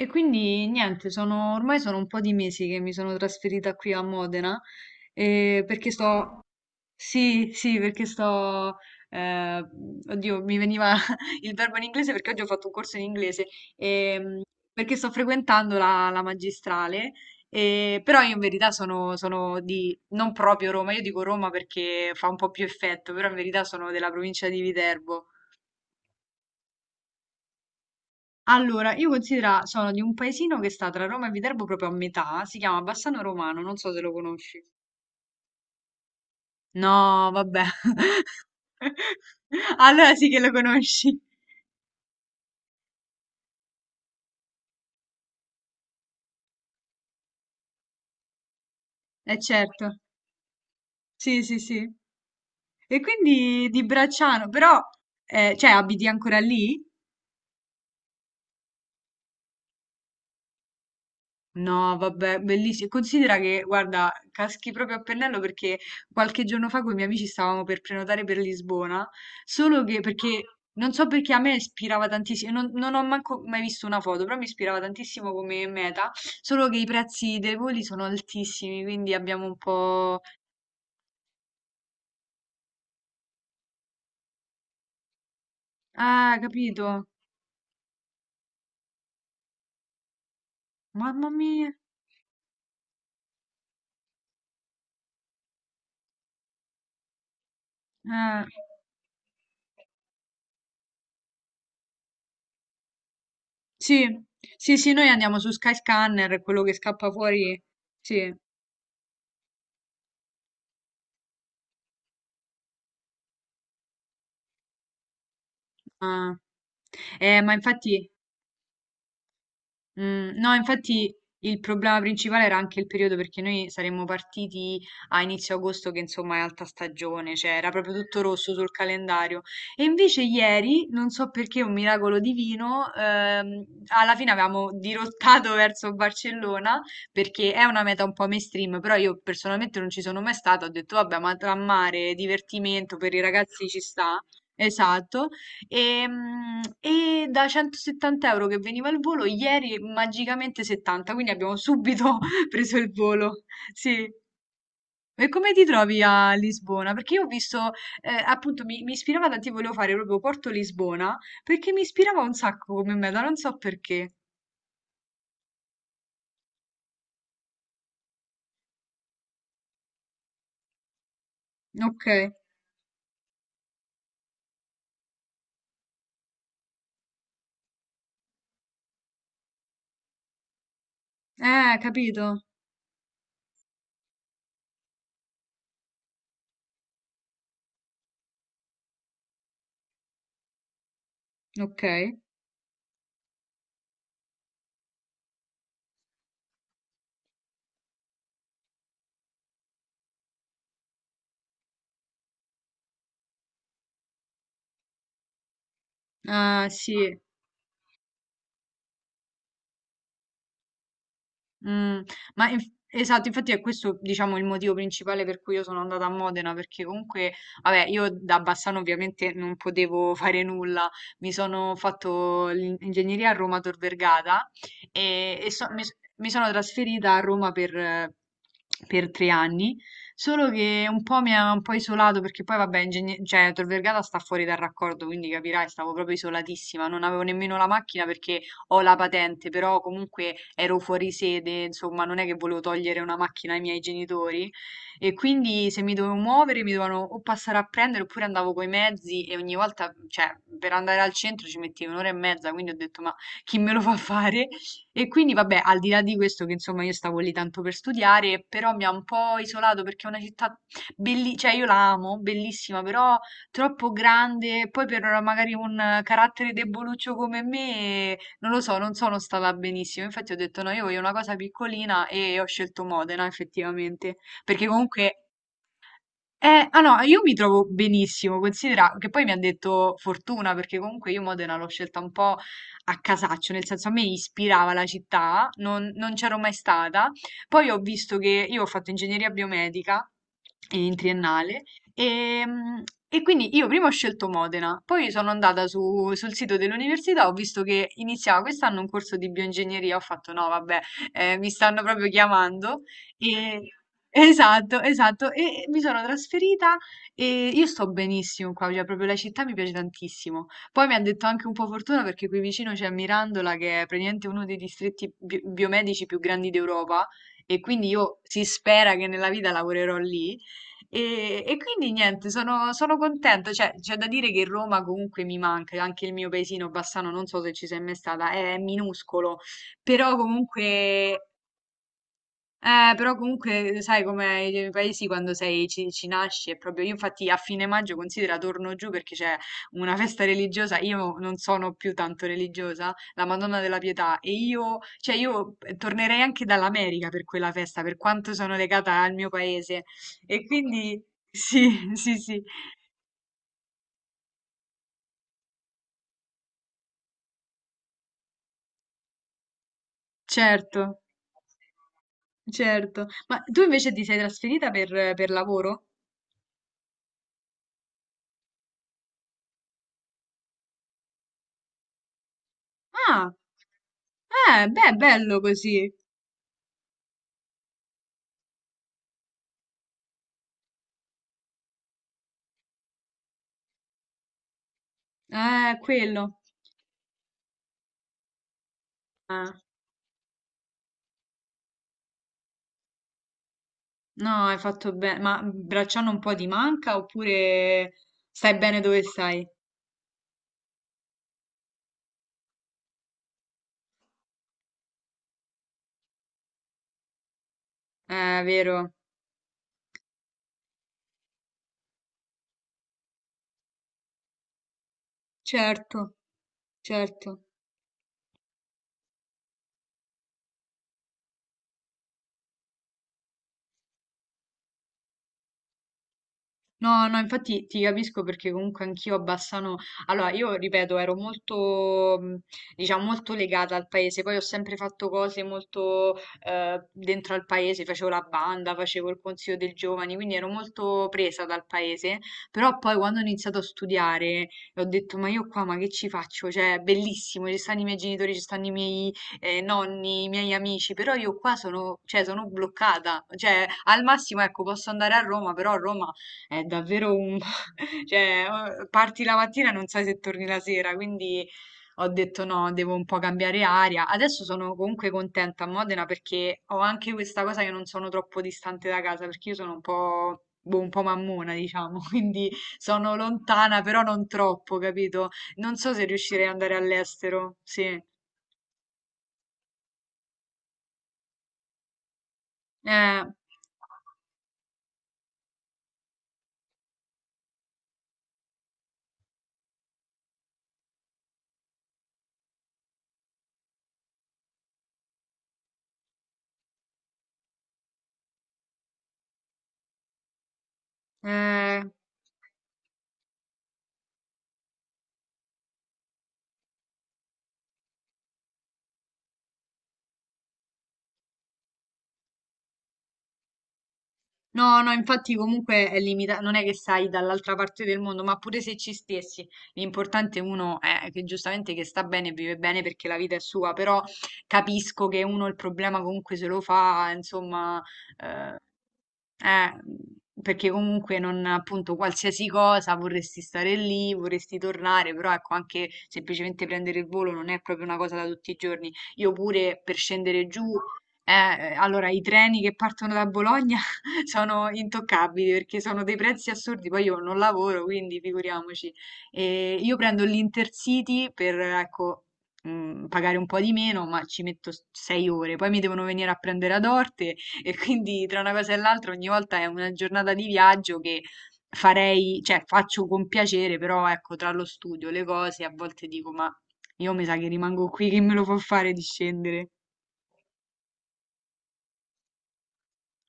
E quindi niente, ormai sono un po' di mesi che mi sono trasferita qui a Modena, perché sto, sì, sì, perché sto, eh, oddio, mi veniva il verbo in inglese perché oggi ho fatto un corso in inglese, ehm, perché sto frequentando la magistrale, però io in verità sono di, non proprio Roma. Io dico Roma perché fa un po' più effetto, però in verità sono della provincia di Viterbo. Allora, io considera, sono di un paesino che sta tra Roma e Viterbo proprio a metà, si chiama Bassano Romano, non so se lo conosci. No, vabbè. Allora sì che lo conosci. Eh certo, sì, sì, sì. E quindi di Bracciano, però, cioè, abiti ancora lì? No, vabbè, bellissimo. Considera che, guarda, caschi proprio a pennello perché qualche giorno fa con i miei amici stavamo per prenotare per Lisbona, solo che perché non so perché a me ispirava tantissimo, non ho manco mai visto una foto, però mi ispirava tantissimo come meta, solo che i prezzi dei voli sono altissimi, quindi abbiamo un po'... Ah, capito? Mamma mia. Eh, Sì, sì, sì, noi andiamo su Skyscanner, quello che scappa fuori. Sì. Ah. Ma infatti... Mm, no, infatti il problema principale era anche il periodo perché noi saremmo partiti a inizio agosto, che insomma è alta stagione, cioè era proprio tutto rosso sul calendario. E invece ieri, non so perché, un miracolo divino, alla fine avevamo dirottato verso Barcellona perché è una meta un po' mainstream, però io personalmente non ci sono mai stata, ho detto vabbè, ma tra mare, divertimento per i ragazzi ci sta. Esatto. E, da 170 euro che veniva il volo, ieri magicamente 70, quindi abbiamo subito preso il volo. Sì. E come ti trovi a Lisbona? Perché io ho visto, appunto, mi ispirava tanto, io volevo fare proprio Porto Lisbona, perché mi ispirava un sacco come meta, non so perché. Ok. Capito. Ok. Ah, sì. Mm, ma esatto, infatti è questo, diciamo, il motivo principale per cui io sono andata a Modena, perché comunque, vabbè, io da Bassano ovviamente non potevo fare nulla, mi sono fatto l'ingegneria a Roma Tor Vergata e mi sono trasferita a Roma per 3 anni. Solo che un po' mi ha un po' isolato perché poi vabbè, cioè, Tor Vergata sta fuori dal raccordo, quindi capirai, stavo proprio isolatissima, non avevo nemmeno la macchina perché ho la patente, però comunque ero fuori sede, insomma, non è che volevo togliere una macchina ai miei genitori. E quindi se mi dovevo muovere mi dovevano o passare a prendere oppure andavo coi mezzi e ogni volta, cioè, per andare al centro ci mettevo un'ora e mezza, quindi ho detto ma chi me lo fa fare? E quindi vabbè, al di là di questo che insomma io stavo lì tanto per studiare, però mi ha un po' isolato perché è una città bellissima, cioè io la amo, bellissima, però troppo grande, poi per magari un carattere deboluccio come me non lo so, non sono stata benissimo, infatti ho detto no, io voglio una cosa piccolina e ho scelto Modena effettivamente, perché comunque... ah no, io mi trovo benissimo, considera che poi mi ha detto fortuna, perché comunque io Modena l'ho scelta un po' a casaccio, nel senso a me ispirava la città, non, non c'ero mai stata, poi ho visto che io ho fatto ingegneria biomedica in triennale. E, mm, e quindi io prima ho scelto Modena, poi sono andata sul sito dell'università, ho visto che iniziava quest'anno un corso di bioingegneria, ho fatto no, vabbè, mi stanno proprio chiamando. E- Esatto, esatto, e mi sono trasferita e io sto benissimo qua, cioè proprio la città mi piace tantissimo. Poi mi ha detto anche un po' fortuna perché qui vicino c'è Mirandola che è praticamente uno dei distretti biomedici più grandi d'Europa e quindi io si spera che nella vita lavorerò lì. E quindi niente, sono, sono contenta. Cioè, c'è da dire che Roma comunque mi manca, anche il mio paesino Bassano, non so se ci sei mai stata, è minuscolo, però comunque però comunque sai com'è i paesi quando sei, ci nasci, è proprio io infatti a fine maggio considera torno giù perché c'è una festa religiosa, io non sono più tanto religiosa, la Madonna della Pietà e io, cioè io tornerei anche dall'America per quella festa, per quanto sono legata al mio paese e quindi sì, sì, sì, certo, certo. Ma tu invece ti sei trasferita per lavoro? Ah, beh, bello così. Quello. Ah, no, hai fatto bene. Ma Bracciano un po' di manca oppure stai bene dove stai? Vero. Certo, certo. No, no, infatti ti capisco perché comunque anch'io a Bassano, allora io ripeto, ero molto, diciamo, molto legata al paese, poi ho sempre fatto cose molto dentro al paese, facevo la banda, facevo il consiglio dei giovani, quindi ero molto presa dal paese, però poi quando ho iniziato a studiare ho detto, ma io qua, ma che ci faccio? Cioè, è bellissimo, ci stanno i miei genitori, ci stanno i miei nonni, i miei amici, però io qua sono, cioè, sono bloccata, cioè, al massimo, ecco, posso andare a Roma, però a Roma è davvero un... cioè, parti la mattina e non sai se torni la sera, quindi ho detto no, devo un po' cambiare aria. Adesso sono comunque contenta a Modena perché ho anche questa cosa che non sono troppo distante da casa, perché io sono un po'... boh, un po' mammona, diciamo, quindi sono lontana, però non troppo, capito? Non so se riuscirei ad andare all'estero, sì. Eh, eh. No, no, infatti comunque è limitato, non è che stai dall'altra parte del mondo, ma pure se ci stessi, l'importante uno è che giustamente che sta bene, vive bene perché la vita è sua, però capisco che uno il problema comunque se lo fa, insomma, eh, eh, mhmm, perché comunque non, appunto, qualsiasi cosa vorresti stare lì, vorresti tornare, però ecco, anche semplicemente prendere il volo non è proprio una cosa da tutti i giorni. Io pure per scendere giù, eh, allora i treni che partono da Bologna sono intoccabili perché sono dei prezzi assurdi, poi io non lavoro, quindi figuriamoci. E io prendo l'Intercity per, ecco, mm, pagare un po' di meno, ma ci metto 6 ore, poi mi devono venire a prendere ad Orte e quindi tra una cosa e l'altra ogni volta è una giornata di viaggio che farei, cioè faccio con piacere, però ecco, tra lo studio, le cose, a volte dico, ma io mi sa che rimango qui, che me lo fa fare di scendere?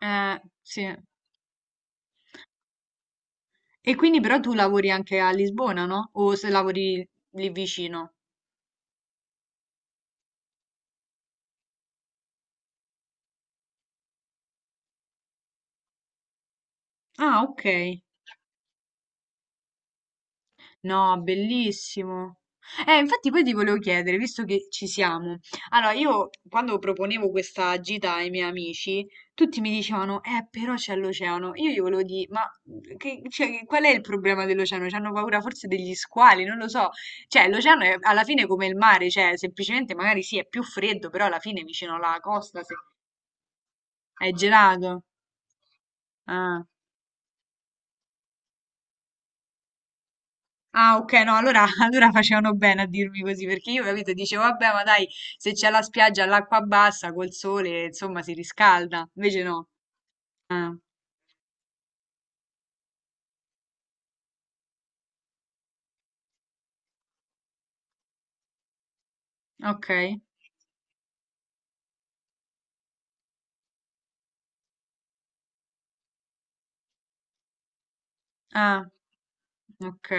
Sì. E quindi però tu lavori anche a Lisbona, no? O se lavori lì vicino? Ah, ok. No, bellissimo. Infatti poi ti volevo chiedere, visto che ci siamo. Allora, io quando proponevo questa gita ai miei amici, tutti mi dicevano, però c'è l'oceano. Io gli volevo dire, ma cioè, qual è il problema dell'oceano? C'hanno paura forse degli squali, non lo so. Cioè, l'oceano è alla fine come il mare, cioè, semplicemente magari sì, è più freddo, però alla fine vicino alla costa se- è gelato. Ah. Ah, ok, no, allora, allora facevano bene a dirmi così, perché io, capito, dicevo, vabbè, ma dai, se c'è la spiaggia all'acqua bassa, col sole, insomma, si riscalda. Invece no. Ah, ok. Ah, ok.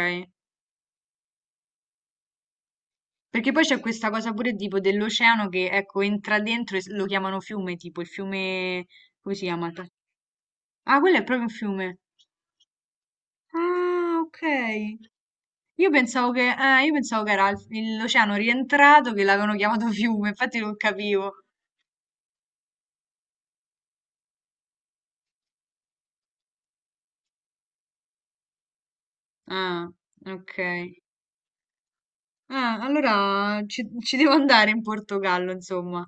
Perché poi c'è questa cosa pure tipo dell'oceano che, ecco, entra dentro e lo chiamano fiume, tipo il fiume... come si chiama? Il pa- Ah, quello è proprio un fiume. Ah, ok. Io pensavo che, ah, io pensavo che era l'oceano rientrato che l'avevano chiamato fiume, infatti non capivo. Ah, ok. Ah, allora ci, ci devo andare in Portogallo, insomma.